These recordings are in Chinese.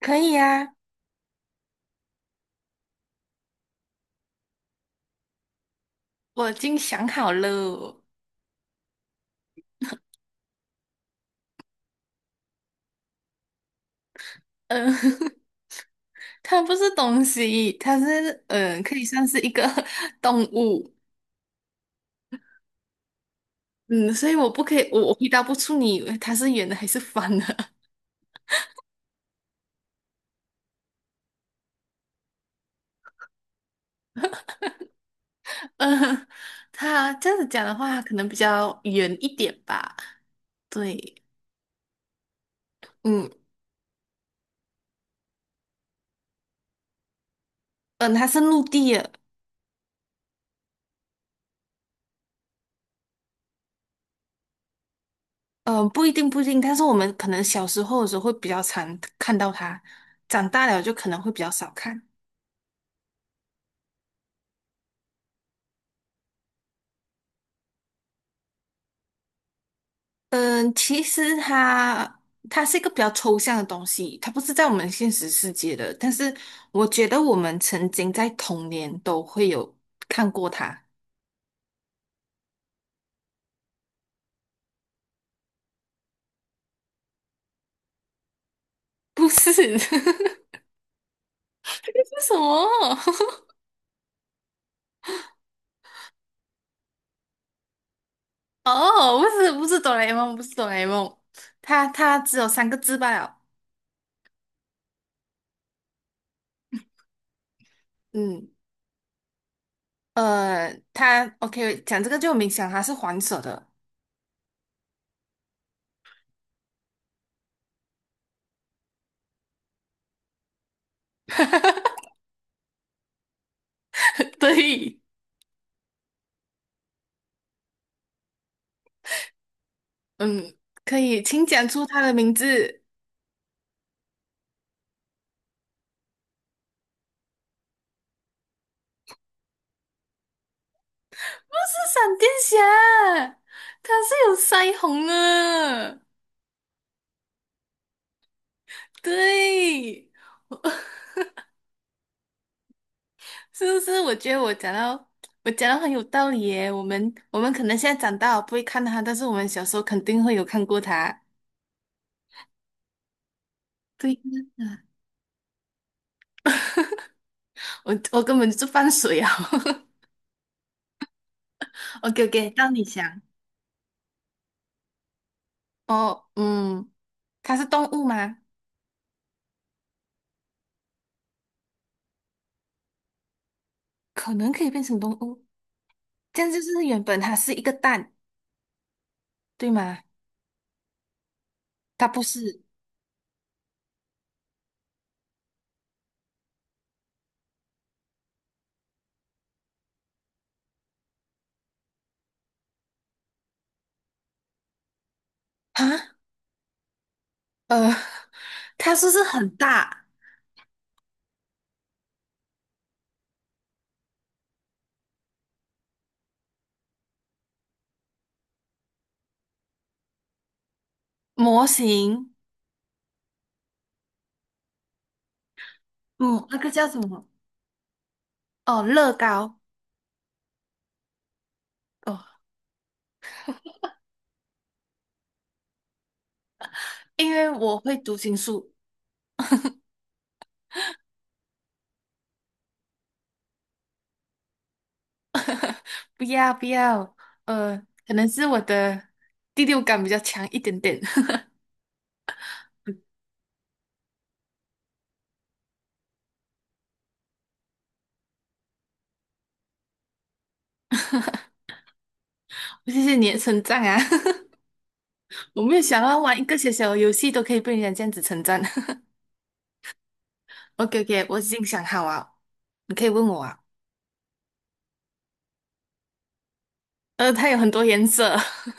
可以啊，我已经想好了。嗯，它不是东西，它是可以算是一个 动物。嗯，所以我不可以，我回答不出你它是圆的还是方的。嗯，它这样子讲的话，可能比较圆一点吧。对，嗯嗯，它是陆地的。嗯，不一定，但是我们可能小时候的时候会比较常看到它，长大了就可能会比较少看。嗯，其实它是一个比较抽象的东西，它不是在我们现实世界的。但是我觉得我们曾经在童年都会有看过它，不是？这是什么？哦，不是，不是哆啦 A 梦，它只有三个字罢了。嗯，它 OK，讲这个就有明显它是黄色的。对，嗯，可以，请讲出它的名字。是闪电侠，它是有腮红的。对，是不是？我觉得我讲到很有道理耶。我们可能现在长大了不会看它，但是我们小时候肯定会有看过它。对呀，我根本就是放水啊。OK OK，到你想。哦，嗯，它是动物吗？可能可以变成动物，这样就是原本它是一个蛋，对吗？它不是啊。呃，它是不是很大模型？嗯，那个叫什么？哦，乐高。哦，因为我会读心术，不要不要。呃，可能是我的第六感比较强一点点。谢谢你的称赞啊！我没有想到玩一个小小的游戏都可以被人家这样子称赞。OK OK，我已经想好了，你可以问我啊。呃，它有很多颜色。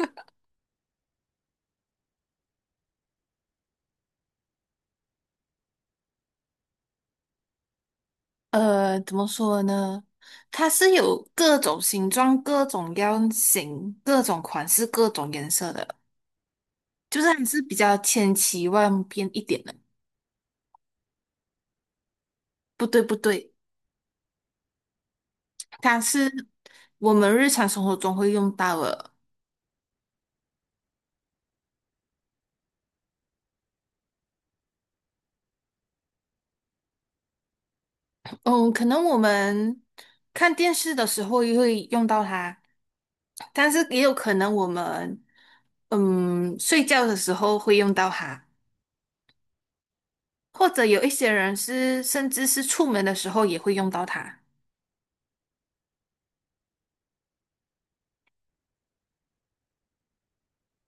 呃，怎么说呢？它是有各种形状、各种样型、各种款式、各种颜色的，就是还是比较千奇万变一点的。不对，不对，它是我们日常生活中会用到的。嗯，可能我们看电视的时候也会用到它，但是也有可能我们睡觉的时候会用到它，或者有一些人是甚至是出门的时候也会用到它。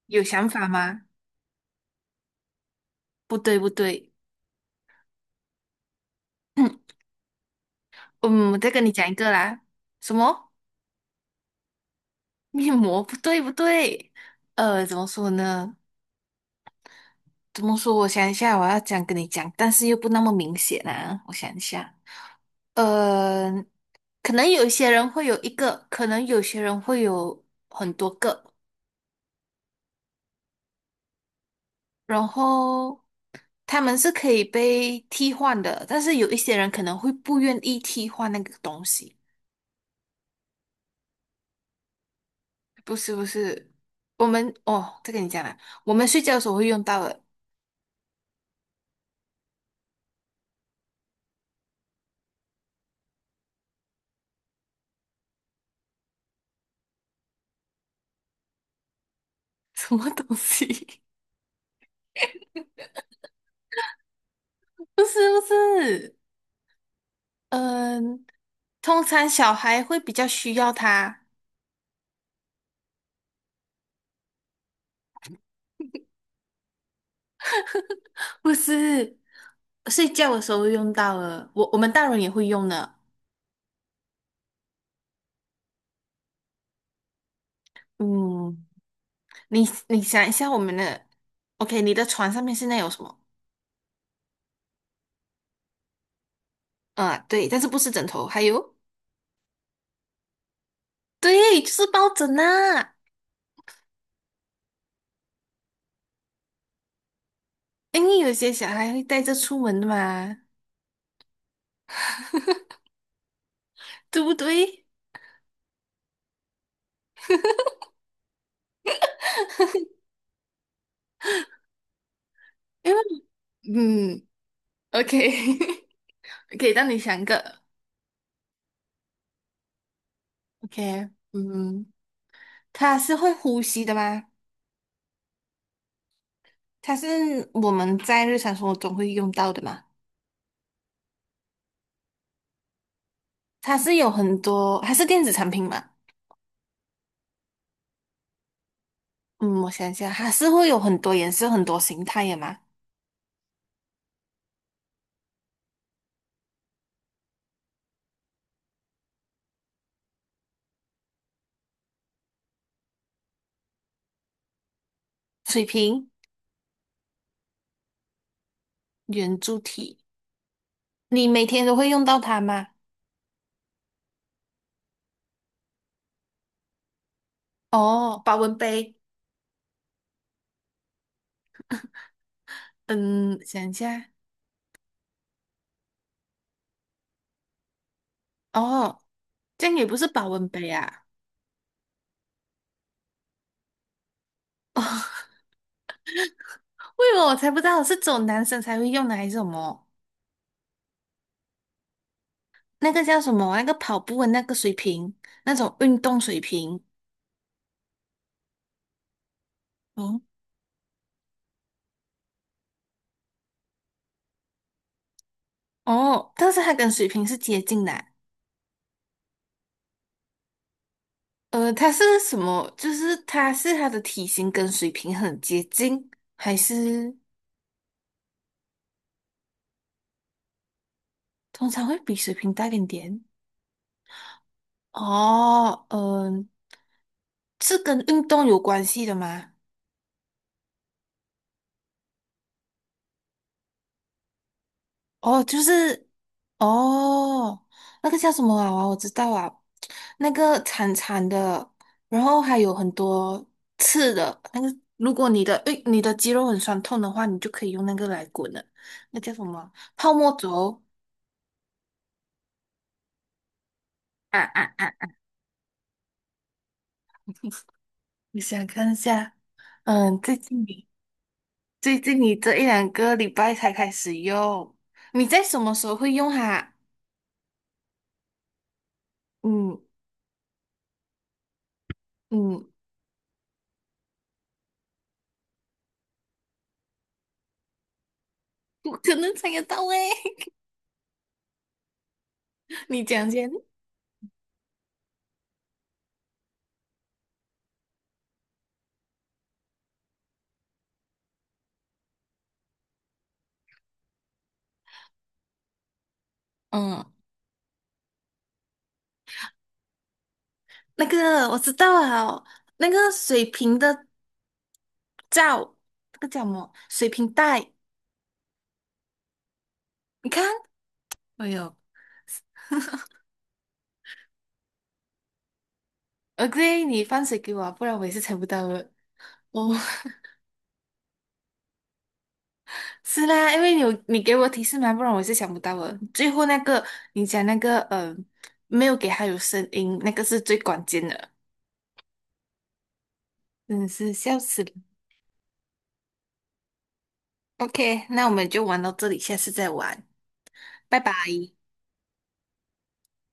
有想法吗？不对，不对，嗯，我再跟你讲一个啦。什么面膜？不对，不对。怎么说呢？怎么说？我想一下，我要你讲，但是又不那么明显啊。我想一下，呃，可能有些人会有很多个，然后他们是可以被替换的，但是有一些人可能会不愿意替换那个东西。不是不是，我们哦，再跟你讲啦，我们睡觉的时候会用到的什么东西？不是不是，嗯，通常小孩会比较需要它，不是睡觉的时候会用到的，我们大人也会用的。嗯，你你想一下我们的，OK，你的床上面现在有什么？啊，对，但是不是枕头，还有，对，就是抱枕呐、因为有些小孩会带着出门的嘛，对不对？因为嗯，OK，可以让你想一个，OK，嗯，它是会呼吸的吗？它是我们在日常生活中会用到的吗？它是有很多，它是电子产品吗？嗯，我想一下，它是会有很多颜色、很多形态的吗？水瓶、圆柱体，你每天都会用到它吗？哦，保温杯，嗯，想一下，哦，这样也不是保温杯啊。为什么我才不知道是只有男生才会用的，还是什么？那个叫什么？那个跑步的那个水平，那种运动水平。哦哦，但是它跟水平是接近的啊。它是什么？就是它是它的体型跟水平很接近，还是通常会比水平大一点点？哦，嗯、是跟运动有关系的吗？哦，就是哦，那个叫什么娃娃，我知道啊，那个长长的，然后还有很多刺的。那个，如果你的诶，你的肌肉很酸痛的话，你就可以用那个来滚了。那叫什么？泡沫轴啊啊啊！我想看一下？嗯，最近你这一两个礼拜才开始用，你在什么时候会用它？嗯嗯，不可能猜得到诶，你讲先。嗯。那个我知道了，那个水瓶的罩，那个叫什么？水瓶带，你看，哎呦，o k 你放水给我啊，不然我也是猜不到的。哦，是啦，因为你有你给我提示嘛，不然我是想不到的。最后那个你讲那个，没有给他有声音，那个是最关键的，真的是笑死了。OK，那我们就玩到这里，下次再玩，拜拜。